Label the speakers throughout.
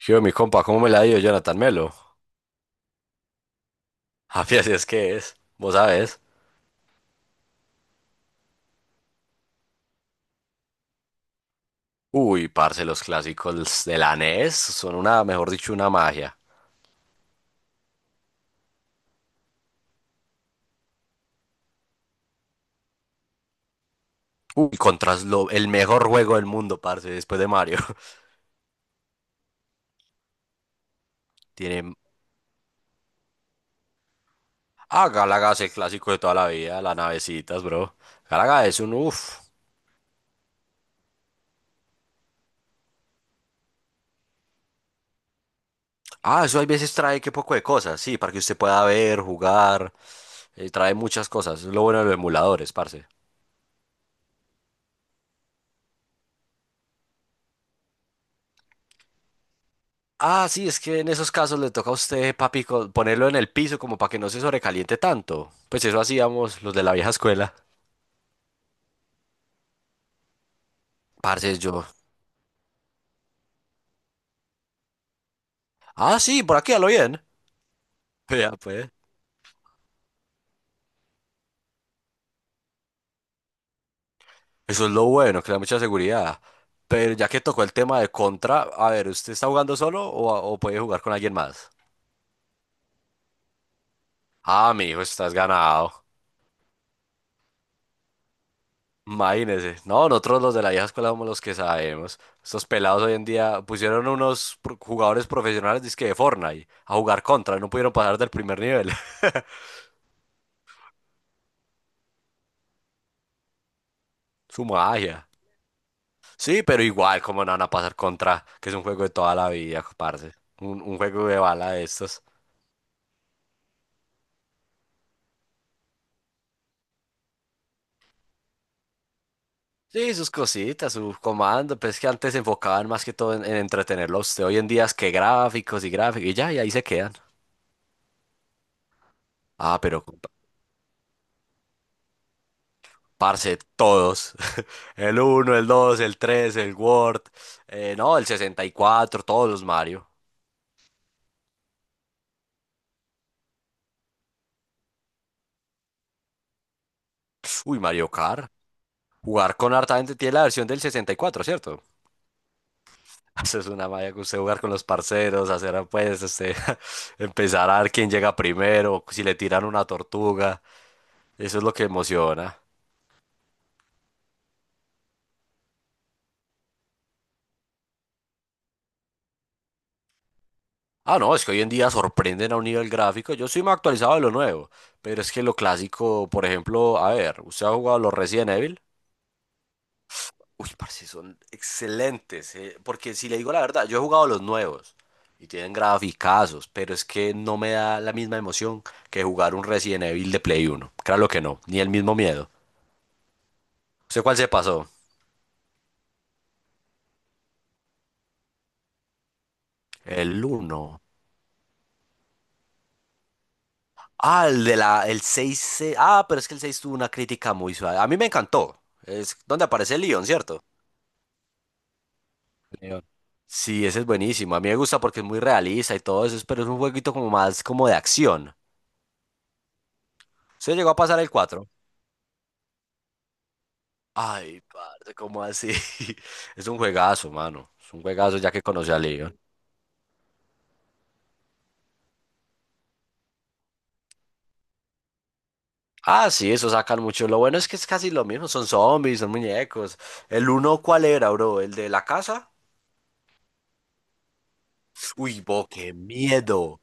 Speaker 1: Yo mi compa, ¿cómo me la dio Jonathan Melo? Javi, así es que es, vos sabés. Uy, parce, los clásicos de la NES son una, mejor dicho, una magia. Uy, contra el mejor juego del mundo, parce, después de Mario. Tienen, Galaga es el clásico de toda la vida, las navecitas, bro. Galaga es un, uff. Ah, eso hay veces trae que poco de cosas, sí, para que usted pueda ver, jugar, trae muchas cosas. Es lo bueno de los emuladores, parce. Ah, sí, es que en esos casos le toca a usted, papi, ponerlo en el piso como para que no se sobrecaliente tanto. Pues eso hacíamos los de la vieja escuela. Parce, yo. Ah, sí, por aquí a lo bien. Vea, pues. Eso es lo bueno, que le da mucha seguridad. Pero ya que tocó el tema de contra, a ver, ¿usted está jugando solo o puede jugar con alguien más? Ah, mijo, estás ganado. Imagínese. No, nosotros los de la vieja escuela somos los que sabemos. Estos pelados hoy en día pusieron unos jugadores profesionales dizque de Fortnite a jugar contra. No pudieron pasar del primer nivel. Su magia. Sí, pero igual, como no van a pasar contra? Que es un juego de toda la vida, parce. Un juego de bala de estos. Sí, sus cositas, sus comandos. Pues que antes se enfocaban más que todo en entretenerlo a usted. Hoy en día es que gráficos y gráficos y ya, y ahí se quedan. Ah, pero. Parce, todos. El uno, el dos, el tres, el word no, el 64, todos los Mario. Uy, Mario Kart. Jugar con harta gente tiene la versión del 64, ¿cierto? Eso es una malla que usted jugar con los parceros, hacer apuestas, empezar a ver quién llega primero, si le tiran una tortuga. Eso es lo que emociona. Ah, no, es que hoy en día sorprenden a un nivel gráfico. Yo soy más actualizado de lo nuevo, pero es que lo clásico, por ejemplo, a ver, ¿usted ha jugado los Resident Evil? Uy, parce, son excelentes, porque si le digo la verdad, yo he jugado los nuevos y tienen graficazos, pero es que no me da la misma emoción que jugar un Resident Evil de Play Uno. Claro que no, ni el mismo miedo. ¿Usted cuál se pasó? El uno. Ah, el 6. Ah, pero es que el seis tuvo una crítica muy suave. A mí me encantó. Es donde aparece Leon, ¿cierto? Leon. Sí, ese es buenísimo. A mí me gusta porque es muy realista y todo eso, pero es un jueguito como más como de acción. ¿Usted llegó a pasar el 4? Ay, parce, ¿cómo así? Es un juegazo, mano. Es un juegazo ya que conocí a Leon. Ah, sí, eso sacan mucho. Lo bueno es que es casi lo mismo. Son zombies, son muñecos. ¿El uno cuál era, bro? ¿El de la casa? Uy, bo, qué miedo.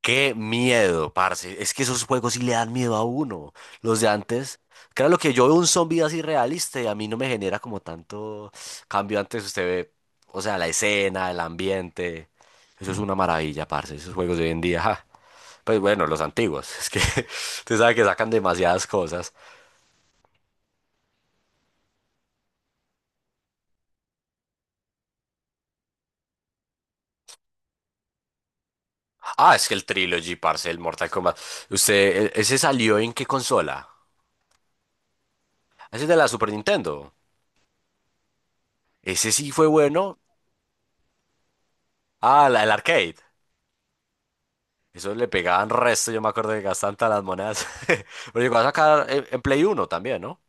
Speaker 1: Qué miedo, parce. Es que esos juegos sí le dan miedo a uno. Los de antes. Claro, lo que yo veo un zombie así realista y a mí no me genera como tanto cambio. Antes usted ve, o sea, la escena, el ambiente. Eso es una maravilla, parce. Esos juegos de hoy en día. Pues bueno, los antiguos. Es que usted sabe que sacan demasiadas cosas. Ah, es que el Trilogy, parce, el Mortal Kombat. Usted, ¿ese salió en qué consola? Ese es de la Super Nintendo. Ese sí fue bueno. Ah, la, el arcade. Eso le pegaban resto, yo me acuerdo que gastaban todas las monedas. Pero llegó a sacar en Play Uno también, ¿no?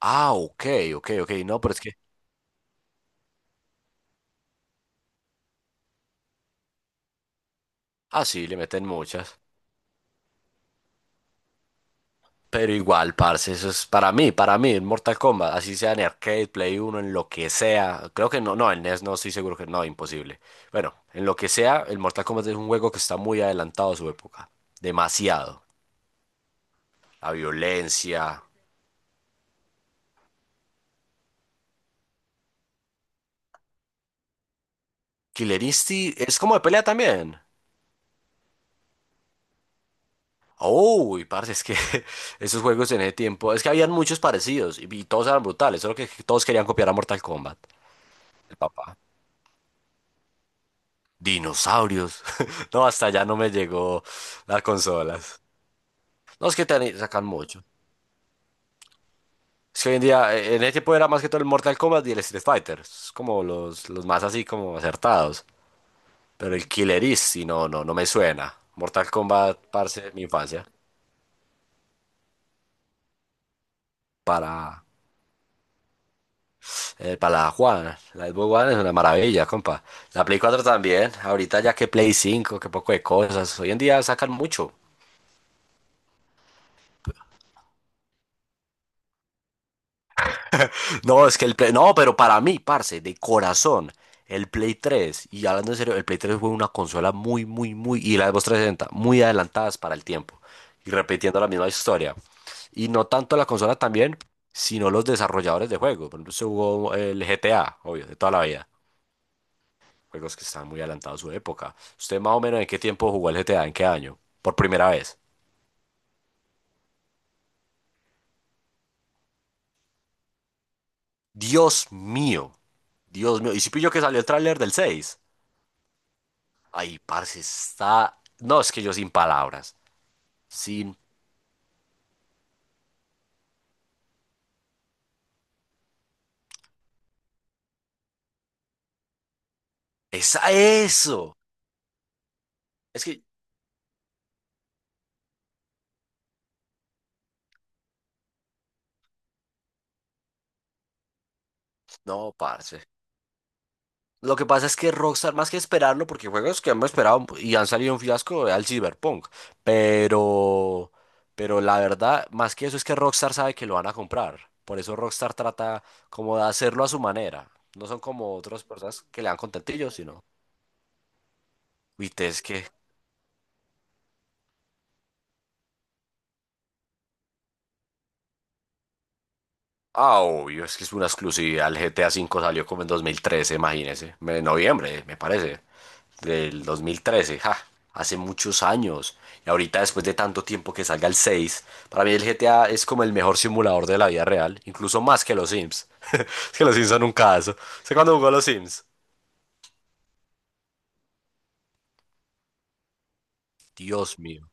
Speaker 1: Ah, ok, ok. No, pero es que. Ah, sí, le meten muchas. Pero igual, parce, eso es para mí, en Mortal Kombat, así sea en arcade, Play uno, en lo que sea. Creo que no, no, en NES no estoy seguro que no, imposible. Bueno, en lo que sea, el Mortal Kombat es un juego que está muy adelantado a su época. Demasiado. La violencia. Killer Instinct es como de pelea también. Uy, parce, es que esos juegos en ese tiempo, es que habían muchos parecidos y todos eran brutales, solo que todos querían copiar a Mortal Kombat. El papá. Dinosaurios. No, hasta allá no me llegó las consolas. No, es que te sacan mucho. Es que hoy en día, en ese tiempo era más que todo el Mortal Kombat y el Street Fighter. Es como los más así como acertados. Pero el Killer Instinct, no, no me suena. Mortal Kombat, parce, de mi infancia. Para, para la Juana. La Xbox One es una maravilla, compa. La Play cuatro también. Ahorita ya que Play cinco que poco de cosas. Hoy en día sacan mucho. No, es que el Play, no, pero para mí, parce, de corazón, el Play 3, y hablando en serio, el Play 3 fue una consola muy, muy, muy, y la Xbox 360, muy adelantadas para el tiempo, y repitiendo la misma historia. Y no tanto la consola también, sino los desarrolladores de juegos. Por ejemplo, se jugó el GTA, obvio, de toda la vida, juegos que estaban muy adelantados a su época. ¿Usted más o menos en qué tiempo jugó el GTA? ¿En qué año? Por primera vez. Dios mío, Dios mío. Y si pillo que salió el tráiler del 6. Ay, parce, está. No, es que yo sin palabras. Sin. ¡Es a eso! Es que. No, parce. Lo que pasa es que Rockstar, más que esperarlo, porque juegos que hemos esperado y han salido un fiasco al Cyberpunk. Pero. Pero la verdad, más que eso, es que Rockstar sabe que lo van a comprar. Por eso Rockstar trata como de hacerlo a su manera. No son como otras personas que le dan contentillo, sino. Uy, te es que. Ah, obvio, es que es una exclusividad. El GTA V salió como en 2013, imagínese. En noviembre, me parece. Del 2013, ja. Hace muchos años. Y ahorita, después de tanto tiempo que salga el 6, para mí el GTA es como el mejor simulador de la vida real. Incluso más que los Sims. Es que los Sims son un caso. ¿Sé cuándo jugó a los Sims? Dios mío.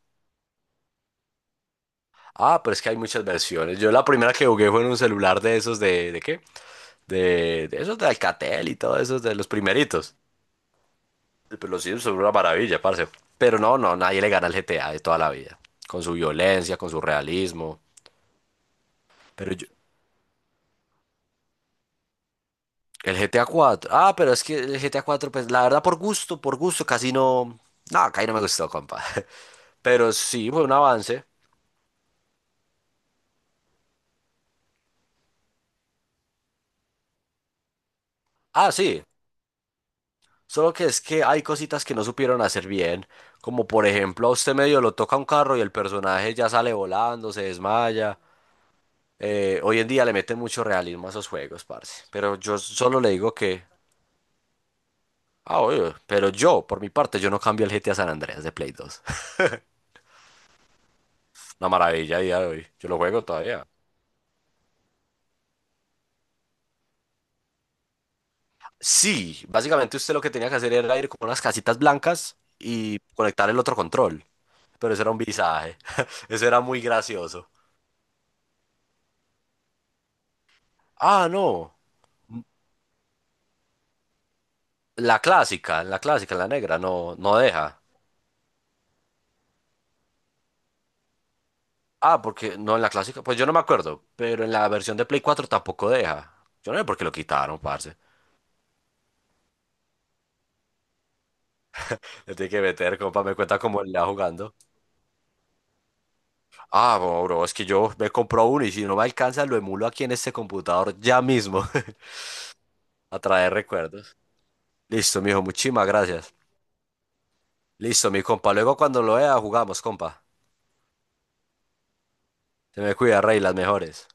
Speaker 1: Ah, pero es que hay muchas versiones. Yo la primera que jugué fue en un celular de esos de... ¿De qué? De esos de Alcatel y todo esos de los primeritos. Pero los Sims son una maravilla, parce. Pero no, no, nadie le gana al GTA de toda la vida. Con su violencia, con su realismo. Pero yo, el GTA 4. Ah, pero es que el GTA 4, pues la verdad, por gusto, casi no. No, casi no me gustó, compa. Pero sí, fue un avance. Ah, sí. Solo que es que hay cositas que no supieron hacer bien. Como por ejemplo, a usted medio lo toca un carro y el personaje ya sale volando, se desmaya. Hoy en día le meten mucho realismo a esos juegos, parce. Pero yo solo le digo que Ah, obvio. Pero yo, por mi parte, yo no cambio el GTA San Andreas de Play 2. Una maravilla a día de hoy. Yo lo juego todavía. Sí, básicamente usted lo que tenía que hacer era ir con unas casitas blancas y conectar el otro control. Pero eso era un visaje. Eso era muy gracioso. Ah, no. La clásica, en la clásica, en la negra, no, no deja. Ah, porque no en la clásica, pues yo no me acuerdo, pero en la versión de Play 4 tampoco deja. Yo no sé por qué lo quitaron, parce. Le tiene que meter, compa, me cuenta cómo le va jugando. Ah, bro, bro, es que yo me compro uno y si no me alcanza lo emulo aquí en este computador ya mismo a traer recuerdos. Listo, mijo, muchísimas gracias. Listo, mi compa. Luego cuando lo vea jugamos, compa. Se me cuida, rey, las mejores.